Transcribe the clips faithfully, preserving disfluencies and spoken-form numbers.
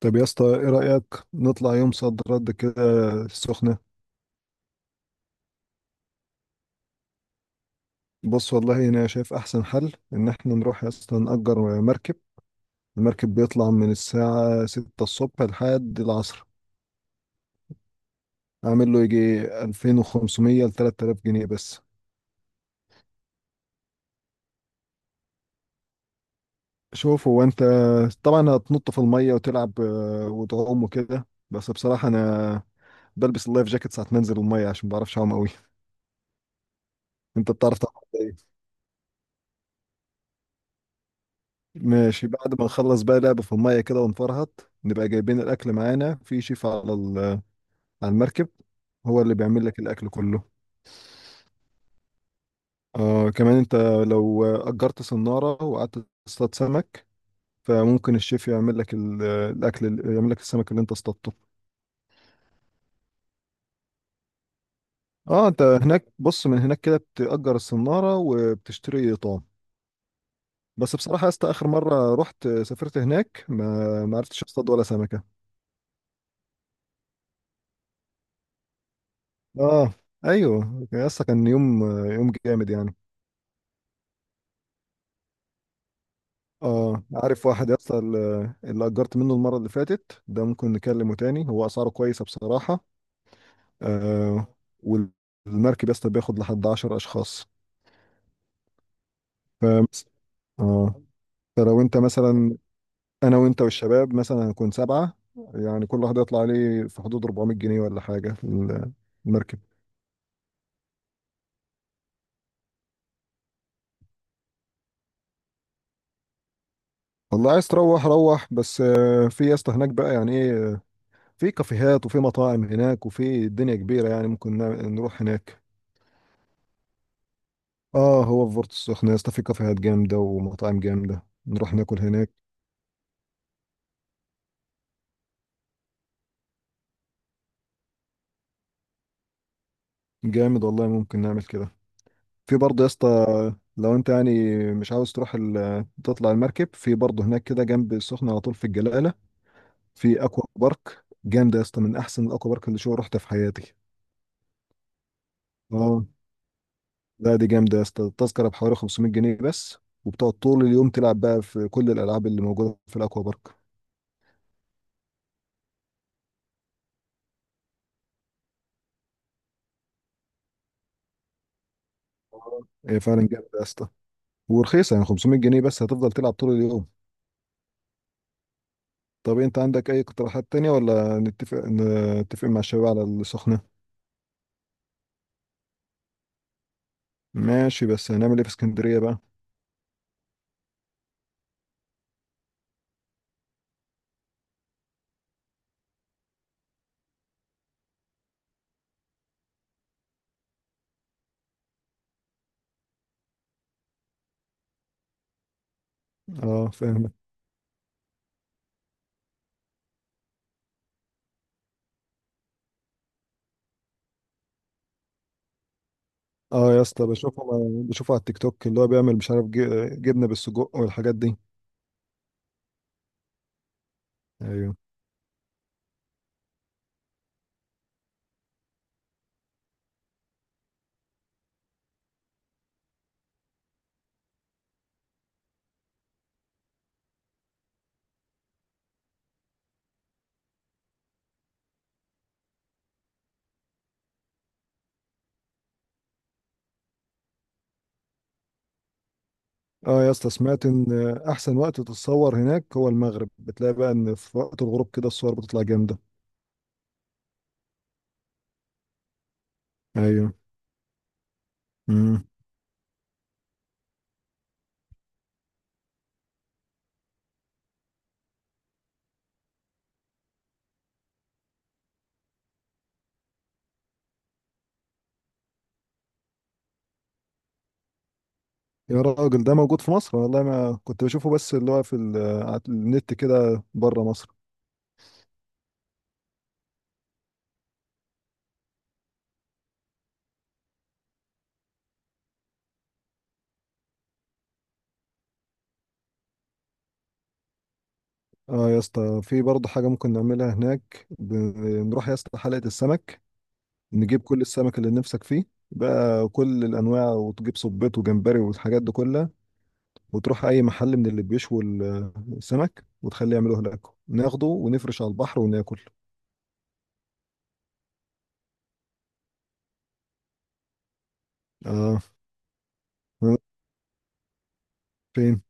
طب يا اسطى ايه رأيك؟ نطلع يوم صد رد كده، السخنة. بص، والله انا شايف احسن حل ان احنا نروح يا اسطى نأجر مركب. المركب بيطلع من الساعة ستة الصبح لحد العصر. اعمل له يجي الفين وخمسمية ل ثلاث الاف جنيه بس. شوف، هو انت طبعا هتنط في المية وتلعب آه، وتعوم وكده، بس بصراحة انا بلبس اللايف جاكيت ساعة ما انزل المية عشان ما بعرفش اعوم قوي. انت بتعرف تعوم؟ ماشي. بعد ما نخلص بقى لعب في المية كده ونفرهط، نبقى جايبين الأكل معانا، في شيف على ال- على المركب هو اللي بيعمل لك الأكل كله. آه، كمان أنت لو أجرت صنارة وقعدت تصطاد سمك، فممكن الشيف يعمل لك ال- الأكل ال- يعمل لك السمك اللي أنت اصطادته. اه، أنت هناك بص، من هناك كده بتأجر الصنارة وبتشتري طعم. بس بصراحة يا اسطى آخر مرة رحت سافرت هناك ما ما عرفتش اصطاد ولا سمكة. اه، ايوه يا اسطى، كان يوم، يوم جامد يعني. اه، عارف واحد يا اسطى ال- اللي اجرت منه المره اللي فاتت ده، ممكن نكلمه تاني، هو اسعاره كويسه بصراحه. آه، والمركب يا اسطى بياخد لحد عشرة اشخاص. ف، اه، فلو انت مثلا انا وانت والشباب مثلا هنكون سبعه. يعني كل واحد يطلع عليه في حدود اربعمية جنيه ولا حاجه ال- المركب. والله عايز تروح روح، بس آه، في يا اسطى هناك بقى يعني ايه، آه، في كافيهات وفي مطاعم هناك، وفي الدنيا كبيره يعني ممكن ن- نروح هناك. اه، هو في بورتو السخنة يا اسطى في كافيهات جامدة ومطاعم جامدة، نروح ناكل هناك. جامد والله، ممكن نعمل كده. في برضه يا اسطى لو انت يعني مش عاوز تروح ال... تطلع المركب، في برضه هناك كده جنب السخنة على طول في الجلالة في اكوا بارك جامدة يا اسطى، من احسن الاكوا بارك اللي شو رحتها في حياتي. اه، لا دي جامدة يا اسطى، التذكرة بحوالي خمسمية جنيه بس، وبتقعد طول اليوم تلعب بقى في كل الالعاب اللي موجودة في الاكوا بارك. اه، هي فعلا جامدة يا اسطى، ورخيصة يعني، خمسمئة جنيه بس هتفضل تلعب طول اليوم. طب انت عندك اي اقتراحات تانية؟ ولا نتفق نتفق مع الشباب على السخنة؟ ماشي، بس هنعمل ايه في اسكندرية بقى؟ اه فاهم. اه يا اسطى بشوفه، بشوفه على التيك توك، اللي هو بيعمل مش عارف جي- جبنة بالسجق والحاجات دي. ايوه. اه يا اسطى سمعت ان احسن وقت تتصور هناك هو المغرب، بتلاقي بقى ان في وقت الغروب كده الصور بتطلع جامدة. ايوه. امم. يا راجل ده موجود في مصر؟ والله ما كنت بشوفه، بس اللي هو في ال- على النت كده بره مصر. اه يا اسطى، في برضه حاجة ممكن نعملها هناك، بنروح يا اسطى حلقة السمك، نجيب كل السمك اللي نفسك فيه بقى، كل الأنواع، وتجيب صبيط وجمبري والحاجات دي كلها، وتروح أي محل من اللي بيشوي السمك وتخليه يعملوه لك، ناخده ونفرش على البحر وناكل. اه. فين؟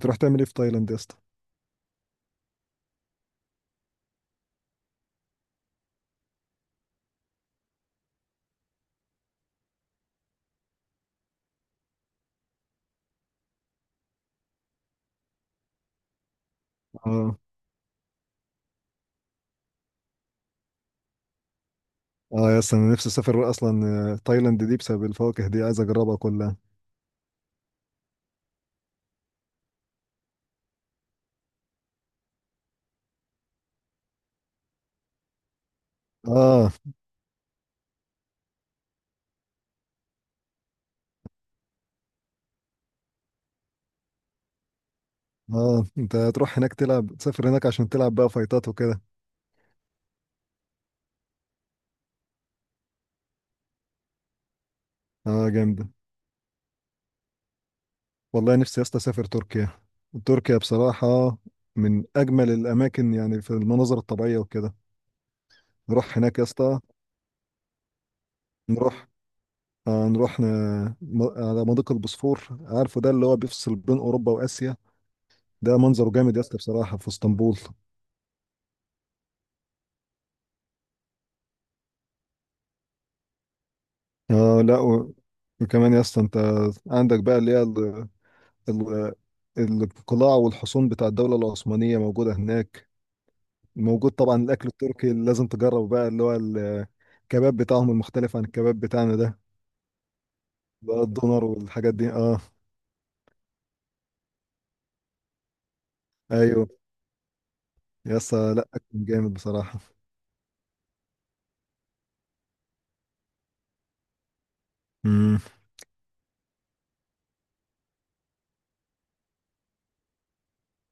تروح تعمل ايه في تايلاند يا اسطى؟ اه. اه يا اسطى انا نفسي اسافر اصلا، آه، تايلاند دي بسبب الفواكه دي عايز اجربها كلها. اه. اه، انت هتروح هناك تلعب، تسافر هناك عشان تلعب بقى فايتات وكده؟ اه، جامد. والله نفسي يا اسطى اسافر تركيا. تركيا بصراحه من اجمل الاماكن يعني في المناظر الطبيعيه وكده. نروح هناك يا اسطى. نروح آه نروح ن... م... على مضيق البوسفور، عارفه ده اللي هو بيفصل بين اوروبا واسيا؟ ده منظره جامد يا اسطى بصراحه في اسطنبول. آه لا و... وكمان يا اسطى انت عندك بقى اللي هي ال... ال... القلاع والحصون بتاع الدوله العثمانيه موجوده هناك. موجود طبعا الاكل التركي اللي لازم تجربه بقى، اللي هو ال- الكباب بتاعهم المختلف عن الكباب بتاعنا ده، بقى الدونر والحاجات دي. اه، ايوه يا اسطى، لا اكل جامد بصراحه. امم.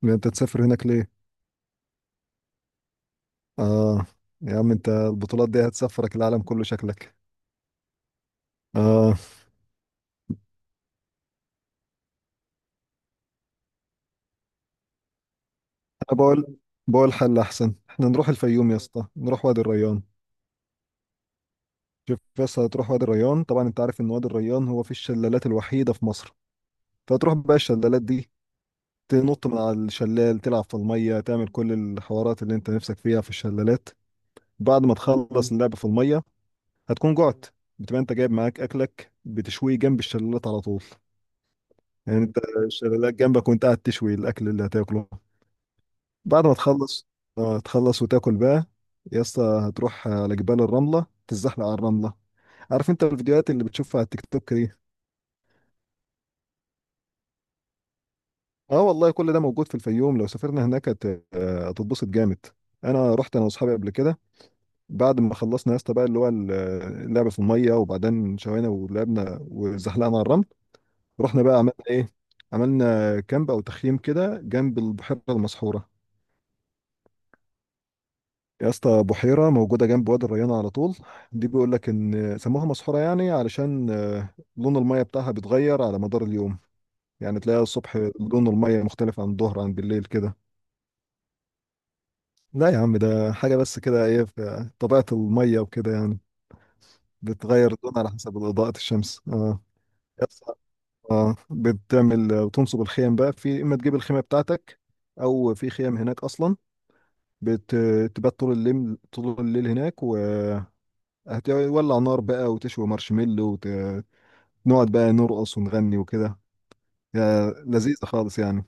انت تسافر هناك ليه؟ اه، يا عم انت البطولات دي هتسافرك العالم كله شكلك. اه. انا بقول بقول حل احسن، احنا نروح الفيوم يا اسطى، نروح وادي الريان. شوف بس، هتروح وادي الريان طبعا، انت عارف ان وادي الريان هو في الشلالات الوحيده في مصر، فتروح بقى الشلالات دي، تنط من على الشلال، تلعب في المية، تعمل كل الحوارات اللي انت نفسك فيها في الشلالات. بعد ما تخلص مم. اللعب في المية هتكون جعت، بتبقى انت جايب معاك اكلك، بتشويه جنب الشلالات على طول. يعني انت الشلالات جنبك، وانت قاعد تشوي الاكل اللي هتاكله. بعد ما تخلص، اه تخلص وتاكل بقى، يا اسطى هتروح على جبال الرملة، تتزحلق على الرملة. عارف انت الفيديوهات اللي بتشوفها على التيك توك دي؟ اه والله، كل ده موجود في الفيوم، لو سافرنا هناك هت- آه، هتتبسط جامد. انا رحت انا واصحابي قبل كده، بعد ما خلصنا يا اسطى بقى اللي هو ال- اللعبه في الميه، وبعدين شوينا ولعبنا وزحلقنا على الرمل، رحنا بقى عملنا ايه؟ عملنا كامب او تخييم كده جنب البحيره المسحوره. يا اسطى بحيره موجوده جنب وادي الريان على طول، دي بيقول لك ان سموها مسحوره يعني علشان آه، لون الميه بتاعها بيتغير على مدار اليوم. يعني تلاقي الصبح لون الميه مختلف عن الظهر عن بالليل كده. لا يا عم، ده حاجه بس كده، ايه في طبيعه الميه وكده يعني، بتغير لونها على حسب اضاءه الشمس. اه. يس. اه، بتعمل بتنصب الخيم بقى، في اما تجيب الخيمه بتاعتك او في خيم هناك اصلا، بتبات طول الليل، طول الليل هناك، وهتولع نار بقى وتشوي مارشميلو، ونقعد بقى نرقص ونغني وكده، يا لذيذه خالص يعني.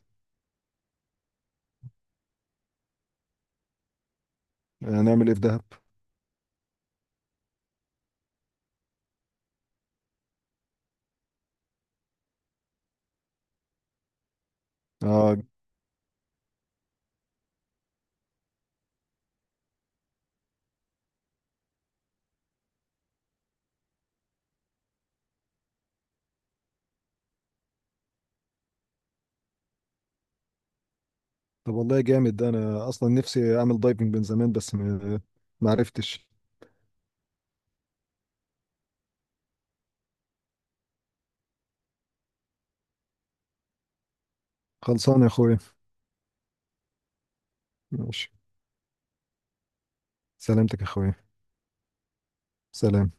هنعمل ايه في دهب؟ اه. طب والله جامد ده، انا اصلا نفسي اعمل دايفنج من زمان، بس ما ما عرفتش. خلصان يا اخويا. ماشي. سلامتك يا اخويا. سلام.